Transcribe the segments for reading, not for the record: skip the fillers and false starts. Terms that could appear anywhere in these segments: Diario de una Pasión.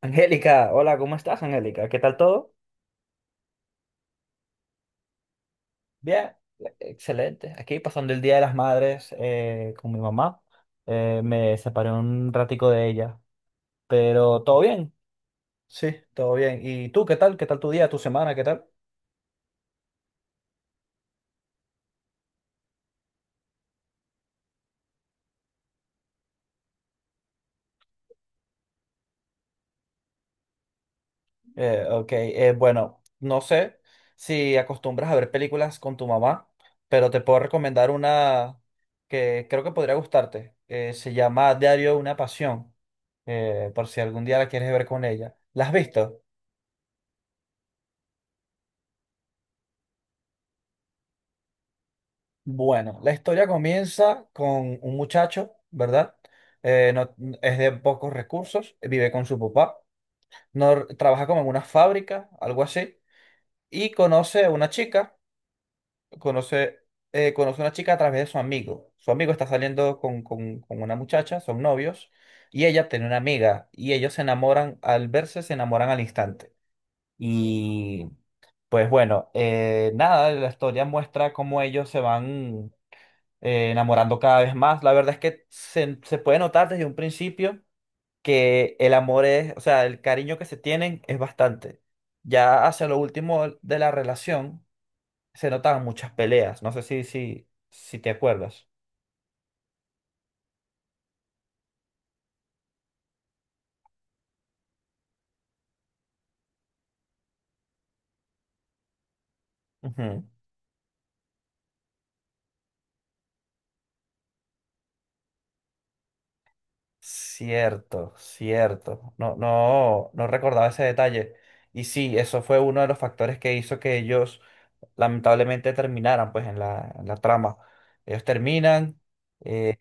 Angélica, hola, ¿cómo estás, Angélica? ¿Qué tal todo? Bien, excelente. Aquí pasando el Día de las Madres con mi mamá. Me separé un ratico de ella, pero todo bien. Sí, todo bien. ¿Y tú qué tal? ¿Qué tal tu día, tu semana? ¿Qué tal? Ok, bueno, no sé si acostumbras a ver películas con tu mamá, pero te puedo recomendar una que creo que podría gustarte. Se llama Diario de una Pasión, por si algún día la quieres ver con ella. ¿La has visto? Bueno, la historia comienza con un muchacho, ¿verdad? No, es de pocos recursos, vive con su papá, no, trabaja como en una fábrica, algo así, y conoce a una chica, conoce, conoce a una chica a través de su amigo. Su amigo está saliendo con una muchacha, son novios, y ella tiene una amiga, y ellos se enamoran, al verse se enamoran al instante. Y pues bueno, nada, la historia muestra cómo ellos se van enamorando cada vez más. La verdad es que se puede notar desde un principio que el amor es, o sea, el cariño que se tienen es bastante. Ya hacia lo último de la relación se notaban muchas peleas. No sé si te acuerdas. Ujú. Cierto, cierto. No recordaba ese detalle. Y sí, eso fue uno de los factores que hizo que ellos lamentablemente terminaran pues en la trama. Ellos terminan. eh,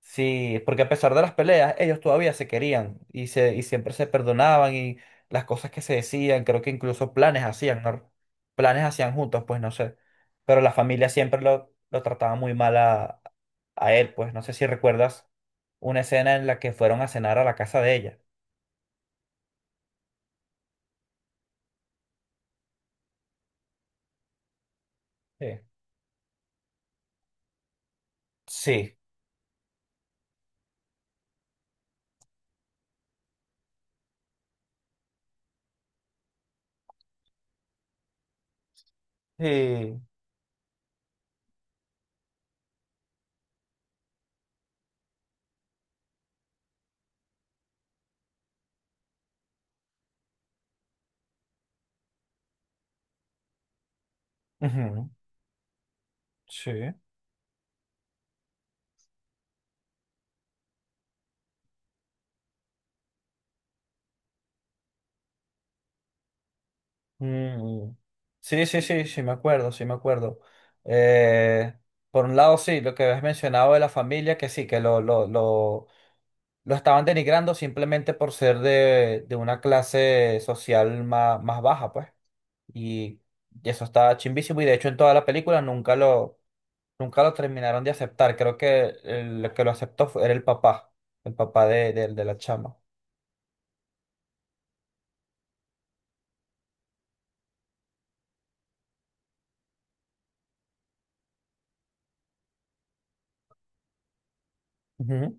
Sí, porque a pesar de las peleas, ellos todavía se querían y, y siempre se perdonaban y las cosas que se decían, creo que incluso planes hacían, ¿no? Planes hacían juntos, pues no sé. Pero la familia siempre lo trataba muy mal a él, pues no sé si recuerdas una escena en la que fueron a cenar a la casa de ella. Sí. Sí. Sí. Ujú. Sí. Mm. Sí, sí, sí, sí, me acuerdo, sí, me acuerdo. Eh, por un lado, sí, lo que habías mencionado de la familia, que sí, que lo estaban denigrando simplemente por ser de una clase social más, más baja, pues. Y, y eso estaba chimbísimo. Y de hecho, en toda la película nunca lo terminaron de aceptar. Creo que el que lo aceptó fue- era el papá de la chama. Ujú.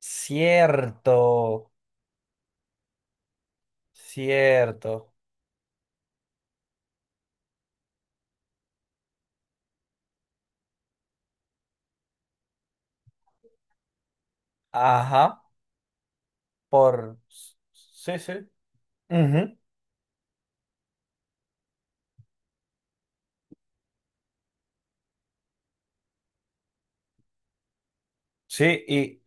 Cierto, cierto. Ajá. Por... Sí, sí. Ujú. Sí,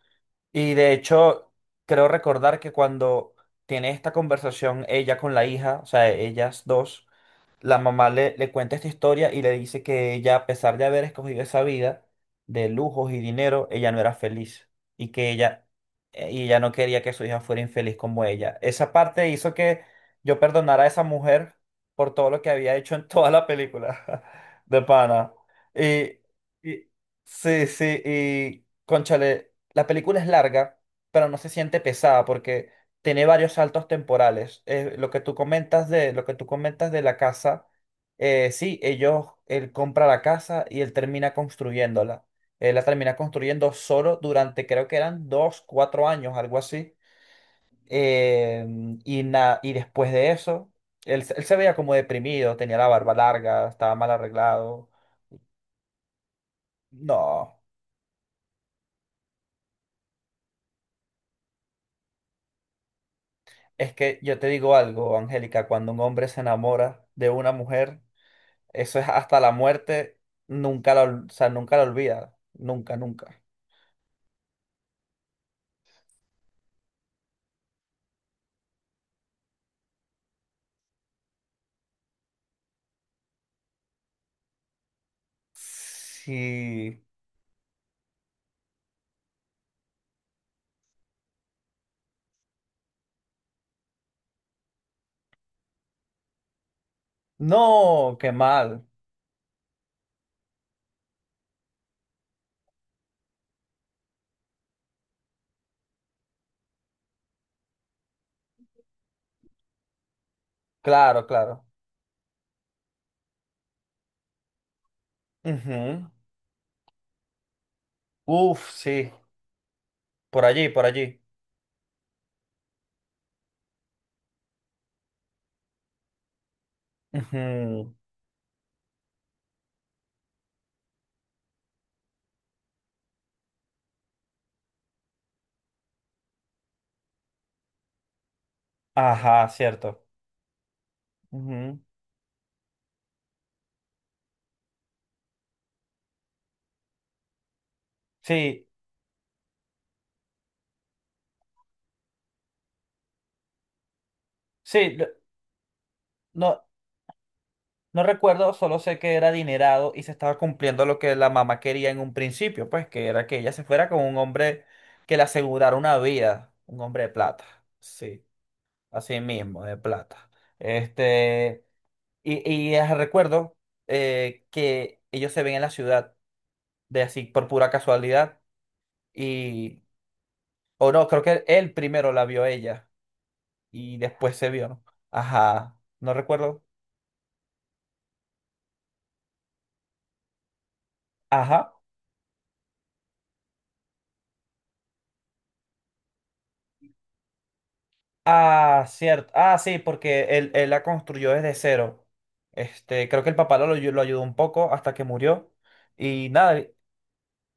y de hecho, creo recordar que cuando tiene esta conversación ella con la hija, o sea, ellas dos, la mamá le cuenta esta historia y le dice que ella, a pesar de haber escogido esa vida de lujos y dinero, ella no era feliz y que ella, y ella no quería que su hija fuera infeliz como ella. Esa parte hizo que yo perdonara a esa mujer por todo lo que había hecho en toda la película de pana. Y, y- sí, sí, y cónchale, la película es larga, pero no se siente pesada porque tiene varios saltos temporales. Lo que tú comentas de la casa, sí, ellos, él compra la casa y él termina construyéndola. Él la termina construyendo solo durante, creo que eran dos, cuatro años, algo así. Eh, y, na- y después de eso, él se veía como deprimido, tenía la barba larga, estaba mal arreglado. No, es que yo te digo algo, Angélica, cuando un hombre se enamora de una mujer, eso es hasta la muerte, nunca la, ol- o sea, nunca la olvida. Nunca, nunca. Sí. No, qué mal. Claro, claro. Ujú. Uf, sí. Por allí, por allí. Ujú. Ajá, cierto. Ujú. Sí, sí. lo- No, no recuerdo, solo sé que era adinerado y se estaba cumpliendo lo que la mamá quería en un principio, pues que era que ella se fuera con un hombre que le asegurara una vida, un hombre de plata. Sí. Así mismo, de plata. Este, y recuerdo que ellos se ven en la ciudad de así por pura casualidad. Y, o no, creo que él primero la vio a ella y después se vio. ¿No? Ajá, no recuerdo. Ajá. Ah, cierto. Ah, sí, porque él la construyó desde cero. Este, creo que el papá lo ayudó un poco hasta que murió. Y nada,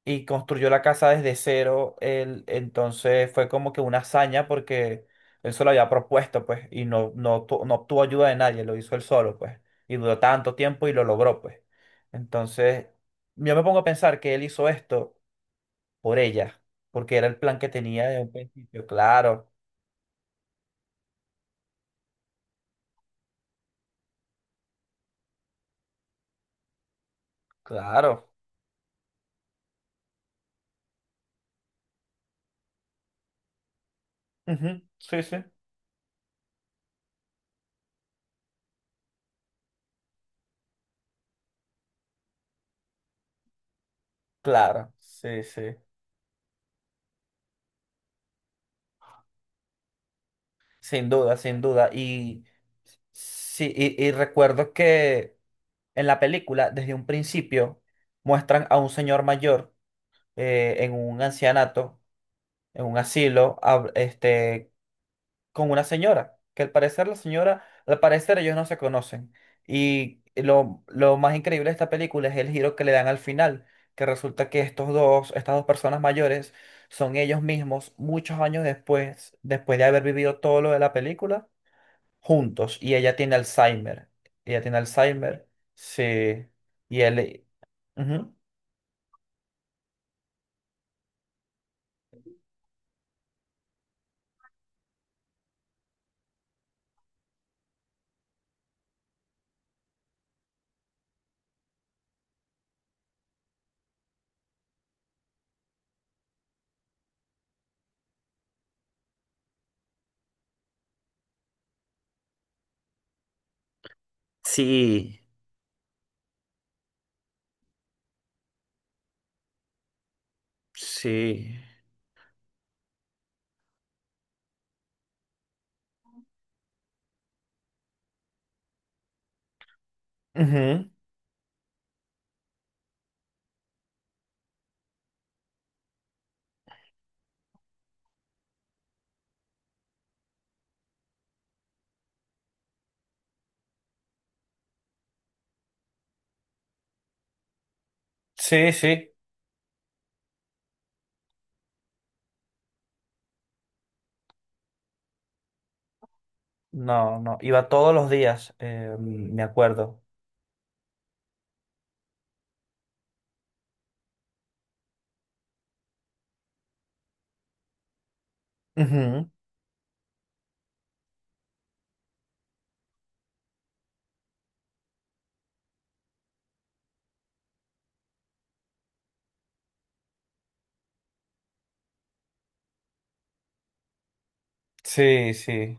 y construyó la casa desde cero. Él, entonces fue como que una hazaña porque él se lo había propuesto, pues, y no, no, obtu- no obtuvo ayuda de nadie, lo hizo él solo, pues, y duró tanto tiempo y lo logró, pues. Entonces, yo me pongo a pensar que él hizo esto por ella, porque era el plan que tenía de un principio. Claro, claro. Ujú. Sí, sí. Claro, sí, sí. Sin duda, sin duda. Y, sí, y recuerdo que en la película, desde un principio, muestran a un señor mayor en un ancianato, en un asilo, hab- este, con una señora, que al parecer la señora, al parecer ellos no se conocen. Y lo más increíble de esta película es el giro que le dan al final, que resulta que estas dos personas mayores son ellos mismos muchos años después, después de haber vivido todo lo de la película, juntos. Y ella tiene Alzheimer. Ella tiene Alzheimer, sí. Y él, ujú. Sí, sí. Ujú. Sí, sí. No, no. Iba todos los días, me acuerdo. Ujú. Sí, sí.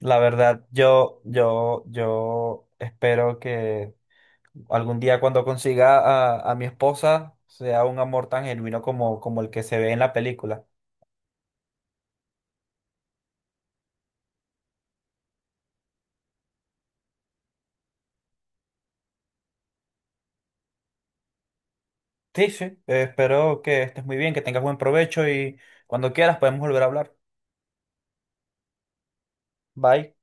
La verdad, yo, yo espero que algún día cuando consiga a mi esposa sea un amor tan genuino como, como el que se ve en la película. Sí, sí. Espero que estés muy bien, que tengas buen provecho y cuando quieras podemos volver a hablar. Bye.